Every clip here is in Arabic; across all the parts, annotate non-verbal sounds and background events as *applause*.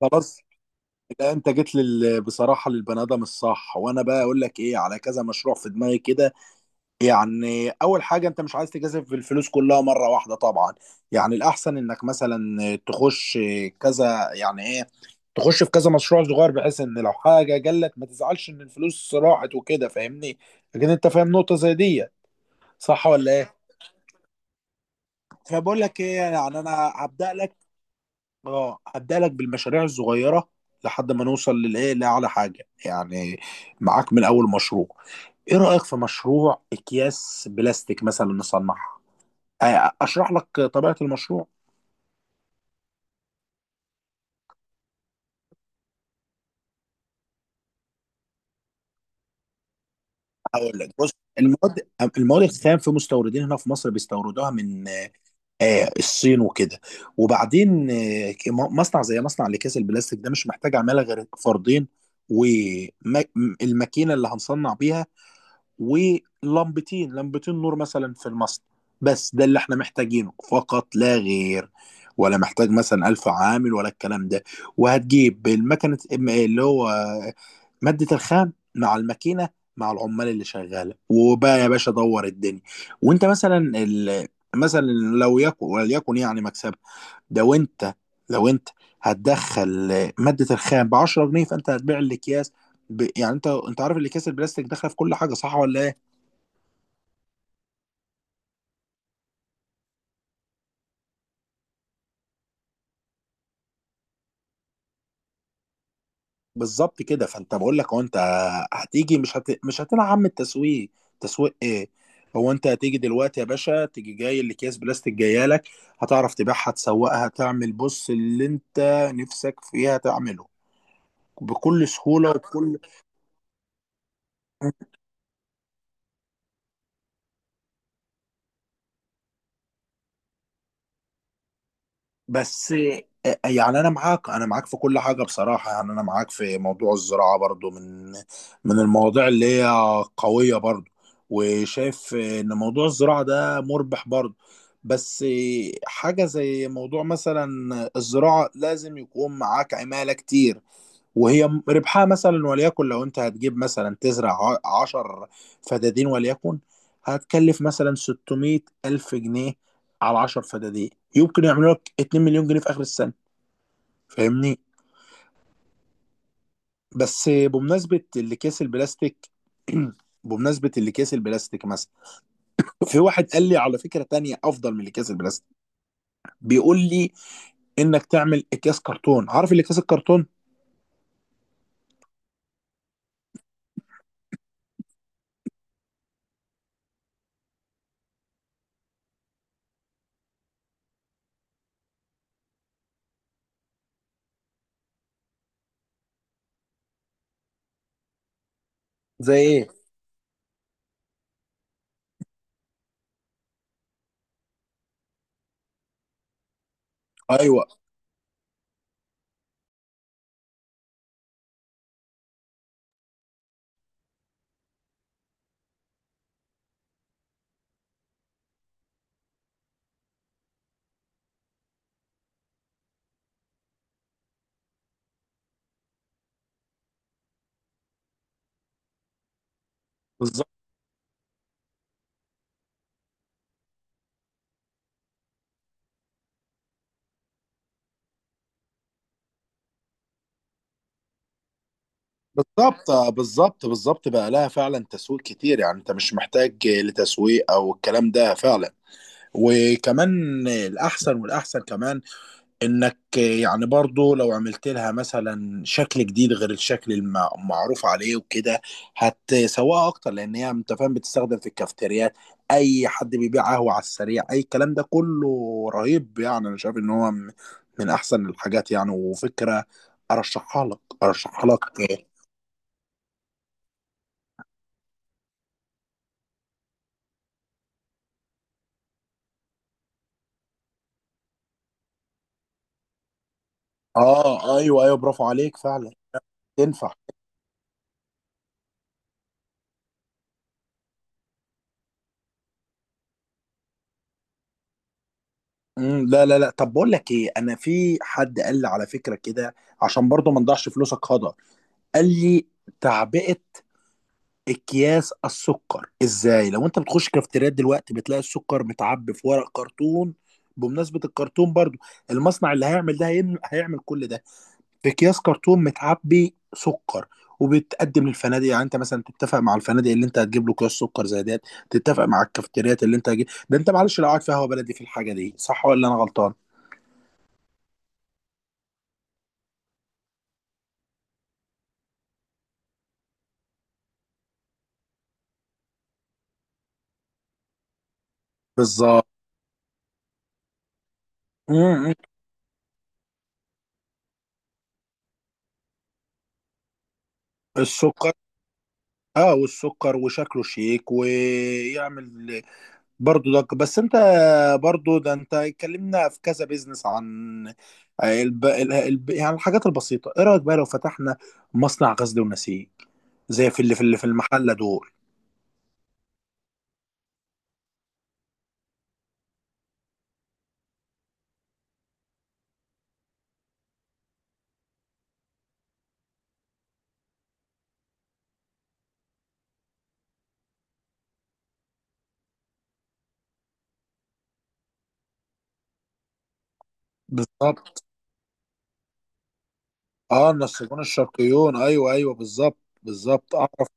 خلاص. لا، انت جيت بصراحه للبني ادم الصح، وانا بقى اقول لك ايه على كذا مشروع في دماغي كده. يعني اول حاجه، انت مش عايز تجازف الفلوس كلها مره واحده طبعا. يعني الاحسن انك مثلا تخش كذا يعني ايه تخش في كذا مشروع صغير، بحيث ان لو حاجه جالك ما تزعلش ان الفلوس راحت وكده. فاهمني؟ لكن انت فاهم نقطه زي دي، صح ولا ايه؟ فبقول لك ايه يعني، انا هبدا لك اه هبدأ لك بالمشاريع الصغيرة، لحد ما نوصل لأعلى حاجة يعني. معاك من أول مشروع. ايه رأيك في مشروع أكياس بلاستيك مثلا نصنعها؟ أشرح لك طبيعة المشروع. هقول لك، بص، المواد المواد الخام في مستوردين هنا في مصر بيستوردوها من الصين وكده. وبعدين مصنع زي مصنع لأكياس البلاستيك ده مش محتاج عمالة غير فردين، والماكينة اللي هنصنع بيها، ولمبتين لمبتين نور مثلا في المصنع. بس ده اللي احنا محتاجينه فقط لا غير، ولا محتاج مثلا ألف عامل ولا الكلام ده. وهتجيب المكنة، اللي هو مادة الخام مع الماكينة مع العمال اللي شغالة، وبقى يا باشا دور الدنيا. وانت مثلا مثلا لو يكن وليكن يعني مكسب ده. وانت، لو انت هتدخل مادة الخام ب 10 جنيه، فانت هتبيع الاكياس يعني انت عارف الاكياس البلاستيك داخله في كل حاجه، صح ولا إيه؟ بالظبط كده. فانت بقول لك، هو انت هتيجي مش هتلعب من التسويق. تسويق ايه؟ هو انت هتيجي دلوقتي يا باشا، تيجي جاي الاكياس بلاستيك جايه لك، هتعرف تبيعها، تسوقها، تعمل بص اللي انت نفسك فيها تعمله، بكل سهوله وبكل. بس يعني انا معاك في كل حاجه بصراحه. يعني انا معاك في موضوع الزراعه برضو، من المواضيع اللي هي قويه برضو، وشايف ان موضوع الزراعه ده مربح برضو. بس حاجه زي موضوع مثلا الزراعه، لازم يكون معاك عماله كتير، وهي ربحها مثلا وليكن، لو انت هتجيب مثلا تزرع عشر فدادين وليكن، هتكلف مثلا 600 ألف جنيه على 10 فدادين، يمكن يعملوا لك 2 مليون جنيه في اخر السنه. فاهمني؟ بس بمناسبه الاكياس البلاستيك، *clears throat* بمناسبه الاكياس البلاستيك مثلا، في واحد قال لي على فكره تانية افضل من الاكياس البلاستيك. بيقول لي انك تعمل اكياس كرتون. عارف الاكياس الكرتون؟ زي ايه؟ ايوه، بالظبط. بالظبط، بالظبط، بالظبط، بقى لها فعلا تسويق كتير، يعني انت مش محتاج لتسويق او الكلام ده فعلا. وكمان الاحسن والاحسن كمان، انك يعني برضو لو عملت لها مثلا شكل جديد غير الشكل المعروف عليه وكده، هتسوقها اكتر. لان هي انت فاهم، بتستخدم في الكافتريات، اي حد بيبيع قهوه على السريع، اي الكلام ده كله. رهيب يعني، انا شايف ان هو من احسن الحاجات يعني، وفكره ارشحها لك، ارشحها لك. اه، ايوه ايوه، برافو عليك فعلا. تنفع. مم، لا لا لا، طب بقول لك ايه، انا في حد قال لي على فكره كده، عشان برضو ما نضيعش فلوسك هدر. قال لي تعبئه اكياس السكر. ازاي؟ لو انت بتخش كافتريات دلوقتي، بتلاقي السكر متعبي في ورق كرتون، بمناسبة الكرتون برضو. المصنع اللي هيعمل ده هيعمل كل ده. في اكياس كرتون متعبي سكر، وبتقدم للفنادق. يعني انت مثلا تتفق مع الفنادق اللي انت هتجيب له اكياس سكر زي ديت، تتفق مع الكافتريات اللي انت هتجيب ده. انت معلش لو قاعد في قهوه بلدي في الحاجه دي، صح ولا انا غلطان؟ بالظبط. م- م. السكر، اه، والسكر وشكله شيك ويعمل برضو ده بس انت برضو ده انت، اتكلمنا في كذا بيزنس عن يعني الحاجات البسيطة. ايه رأيك بقى لو فتحنا مصنع غزل ونسيج زي في المحلة دول؟ بالظبط. اه، النسيجون الشرقيون، ايوه ايوه، بالظبط. بالظبط، اعرف.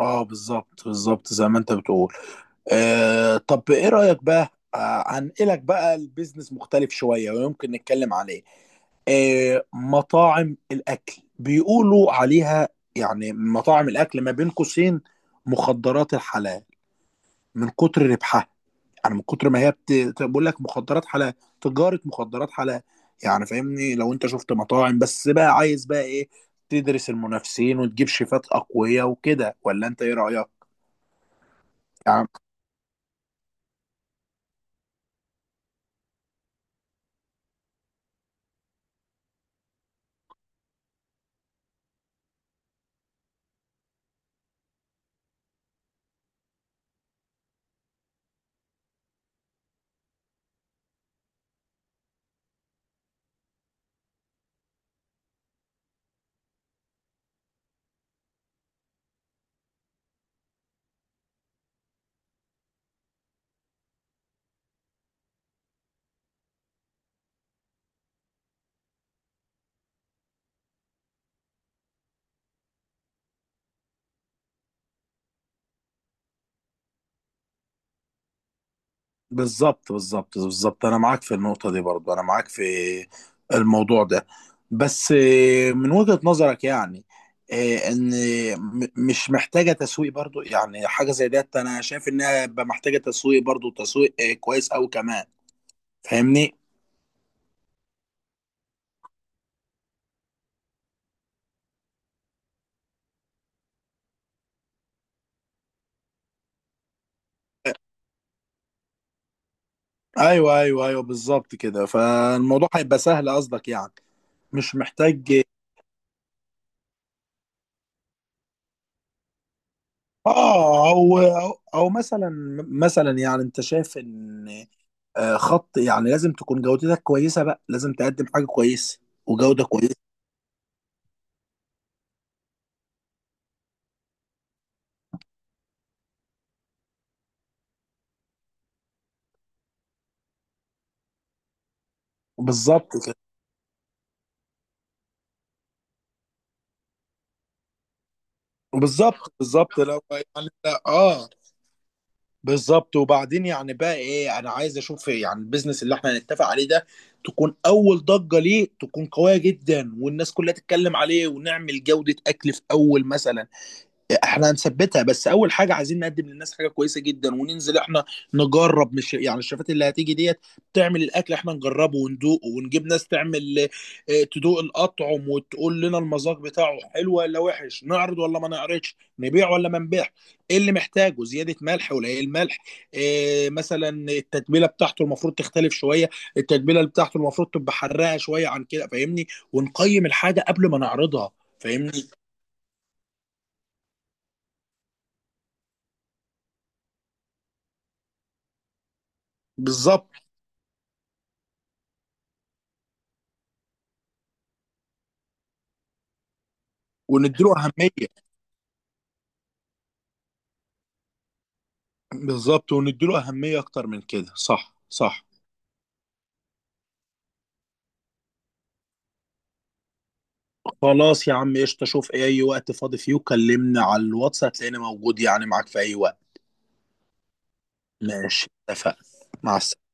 اه بالظبط، بالظبط، زي ما انت بتقول. طب ايه رأيك بقى؟ هنقلك بقى، البيزنس مختلف شوية ويمكن نتكلم عليه. مطاعم الاكل، بيقولوا عليها يعني، مطاعم الاكل ما بين قوسين مخدرات الحلال، من كتر ربحها. يعني من كتر ما هي بقول لك مخدرات حلال، تجارة مخدرات حلال. يعني فاهمني؟ لو انت شفت مطاعم بس، بقى عايز بقى ايه، تدرس المنافسين وتجيب شيفات اقوياء وكده، ولا انت ايه رأيك يعني؟ بالظبط، بالظبط، بالظبط، انا معاك في النقطة دي برضو. انا معاك في الموضوع ده. بس من وجهة نظرك يعني، آه، ان مش محتاجة تسويق برضو؟ يعني حاجة زي ديت انا شايف انها بقى محتاجة تسويق برضو، تسويق كويس اوي كمان. فاهمني؟ آه، ايوه ايوه ايوه، بالظبط كده. فالموضوع هيبقى سهل قصدك يعني، مش محتاج. اه، او او أو مثلا يعني انت شايف ان، آه، خط يعني لازم تكون جودتك كويسه بقى، لازم تقدم حاجه كويسه وجوده كويسه. بالظبط كده. بالظبط، بالظبط، لو يعني، لا اه، بالظبط. وبعدين يعني بقى ايه، انا عايز اشوف يعني البيزنس اللي احنا هنتفق عليه ده، تكون اول ضجه ليه تكون قويه جدا، والناس كلها تتكلم عليه، ونعمل جوده اكل في اول مثلا احنا هنثبتها. بس اول حاجه عايزين نقدم للناس حاجه كويسه جدا، وننزل احنا نجرب. مش يعني الشفات اللي هتيجي ديت تعمل الاكل، احنا نجربه وندوقه، ونجيب ناس تعمل تدوق الاطعم وتقول لنا المذاق بتاعه حلو ولا وحش، نعرض ولا ما نعرضش، نبيع ولا ما نبيع، ايه اللي محتاجه زياده ملح ولا ايه الملح، إيه مثلا التتبيله بتاعته المفروض تختلف شويه، التتبيله اللي بتاعته المفروض تبقى حراقه شويه عن كده. فاهمني؟ ونقيم الحاجه قبل ما نعرضها. فاهمني؟ بالظبط. ونديله اهميه، بالظبط، ونديله أهمية أكتر من كده، صح صح. خلاص يا عم قشطة، شوف أي وقت فاضي فيه وكلمني على الواتس، هتلاقيني موجود يعني، معاك في أي وقت. ماشي، اتفقنا. مع السلامة.